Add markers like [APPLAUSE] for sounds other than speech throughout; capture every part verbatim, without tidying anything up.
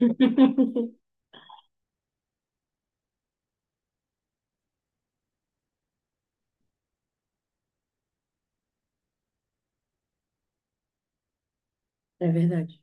[LAUGHS] É verdade.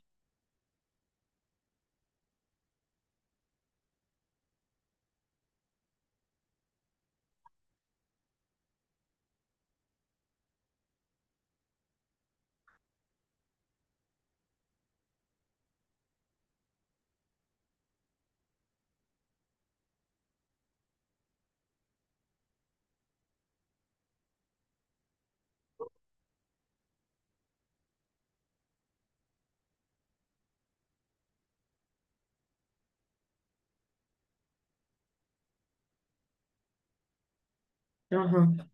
Aham.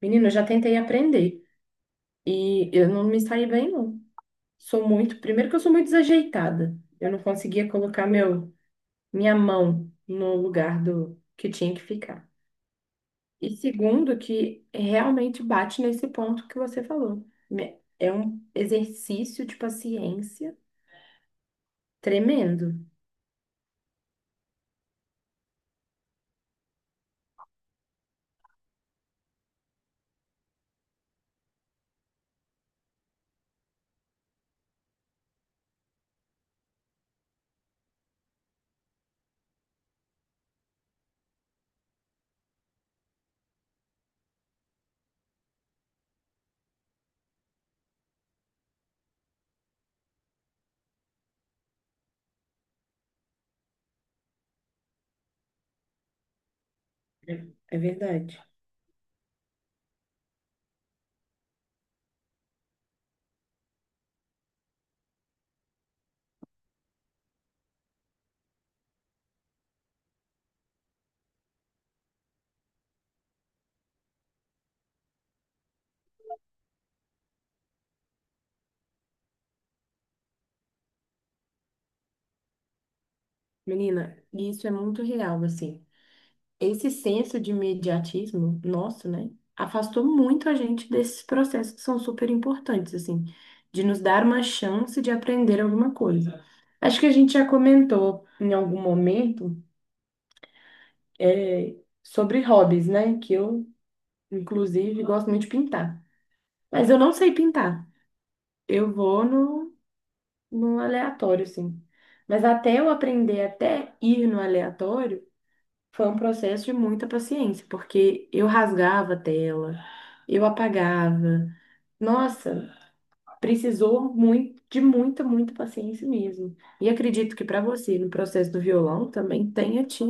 Menina, eu já tentei aprender e eu não me saí bem, não. Sou muito, primeiro que eu sou muito desajeitada. Eu não conseguia colocar meu, minha mão no lugar do que tinha que ficar. E segundo, que realmente bate nesse ponto que você falou. Me- É um exercício de paciência tremendo. É é verdade. Menina, e isso é muito real, assim. Esse senso de imediatismo nosso, né, afastou muito a gente desses processos que são super importantes, assim, de nos dar uma chance de aprender alguma coisa. Acho que a gente já comentou em algum momento, é, sobre hobbies, né, que eu, inclusive, gosto muito de pintar. Mas eu não sei pintar. Eu vou no, no aleatório, assim. Mas até eu aprender, até ir no aleatório, foi um processo de muita paciência, porque eu rasgava a tela, eu apagava. Nossa, precisou muito, de muita, muita paciência mesmo. E acredito que para você, no processo do violão, também tenha te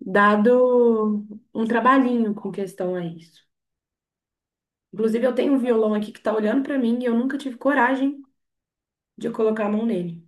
dado um trabalhinho com questão a isso. Inclusive, eu tenho um violão aqui que está olhando para mim e eu nunca tive coragem de colocar a mão nele.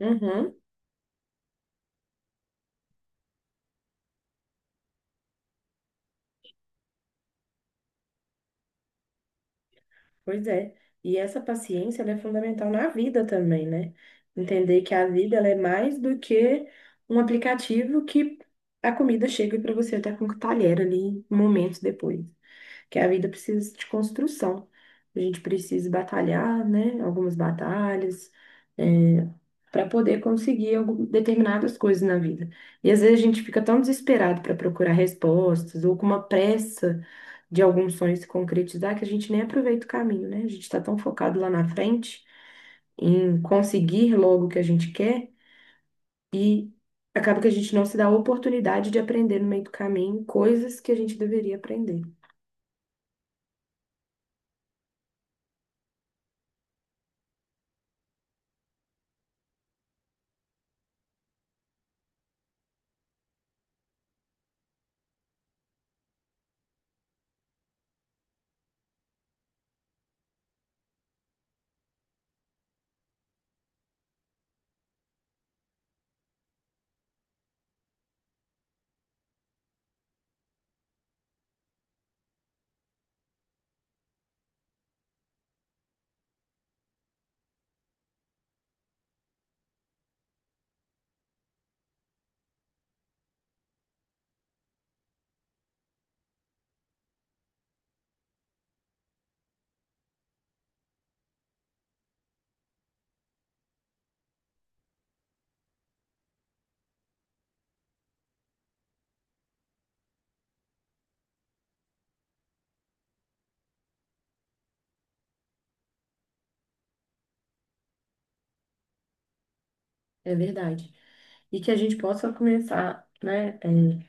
Uhum. Pois é. E essa paciência, ela é fundamental na vida também, né? Entender que a vida, ela é mais do que um aplicativo que a comida chega para você até com o talher ali momentos depois. Que a vida precisa de construção. A gente precisa batalhar, né? Algumas batalhas para poder conseguir algum- determinadas coisas na vida. E às vezes a gente fica tão desesperado para procurar respostas ou com uma pressa de algum sonho se concretizar que a gente nem aproveita o caminho, né? A gente está tão focado lá na frente em conseguir logo o que a gente quer e acaba que a gente não se dá a oportunidade de aprender no meio do caminho coisas que a gente deveria aprender. É verdade. E que a gente possa começar, né, é,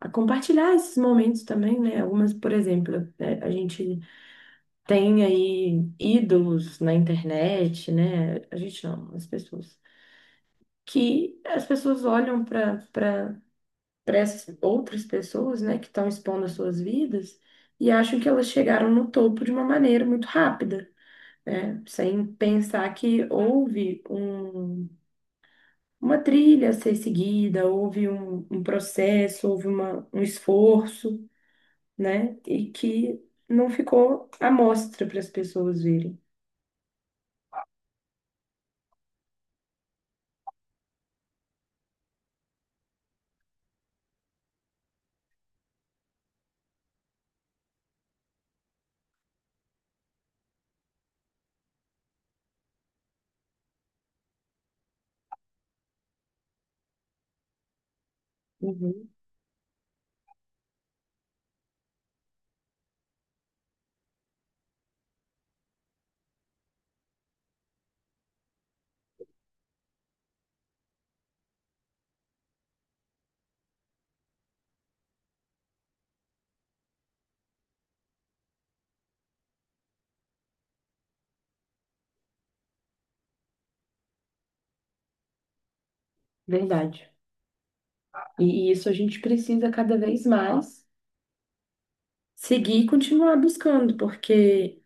a compartilhar esses momentos também, né? Algumas, por exemplo, né, a gente tem aí ídolos na internet, né? A gente não, as pessoas. Que as pessoas olham para para essas outras pessoas, né, que estão expondo as suas vidas e acham que elas chegaram no topo de uma maneira muito rápida, né? Sem pensar que houve um, uma trilha a ser seguida, houve um, um processo, houve uma, um esforço, né? E que não ficou à mostra para as pessoas verem. Uhum, verdade. E, e isso a gente precisa cada vez mais seguir e continuar buscando, porque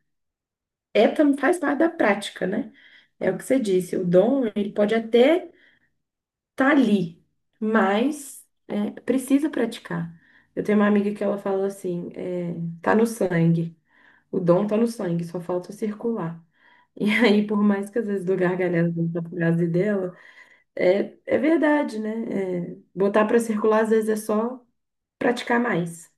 é, tam- faz parte da prática, né? É o que você disse, o dom, ele pode até tá ali, mas é, precisa praticar. Eu tenho uma amiga que ela fala assim, é, tá no sangue, o dom tá no sangue, só falta circular. [LAUGHS] E aí, por mais que às vezes do gargalhada da frase dela, é, é verdade, né? É, botar pra circular às vezes é só praticar mais.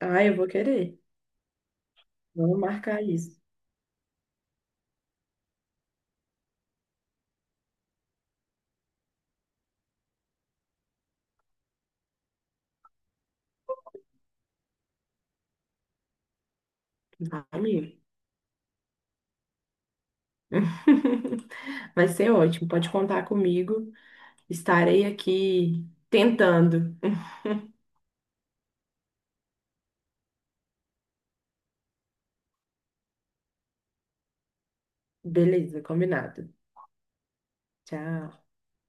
Ah, eu vou querer. Vamos marcar isso. Amigo. [LAUGHS] Vai ser ótimo. Pode contar comigo. Estarei aqui tentando. Beleza, combinado. Tchau.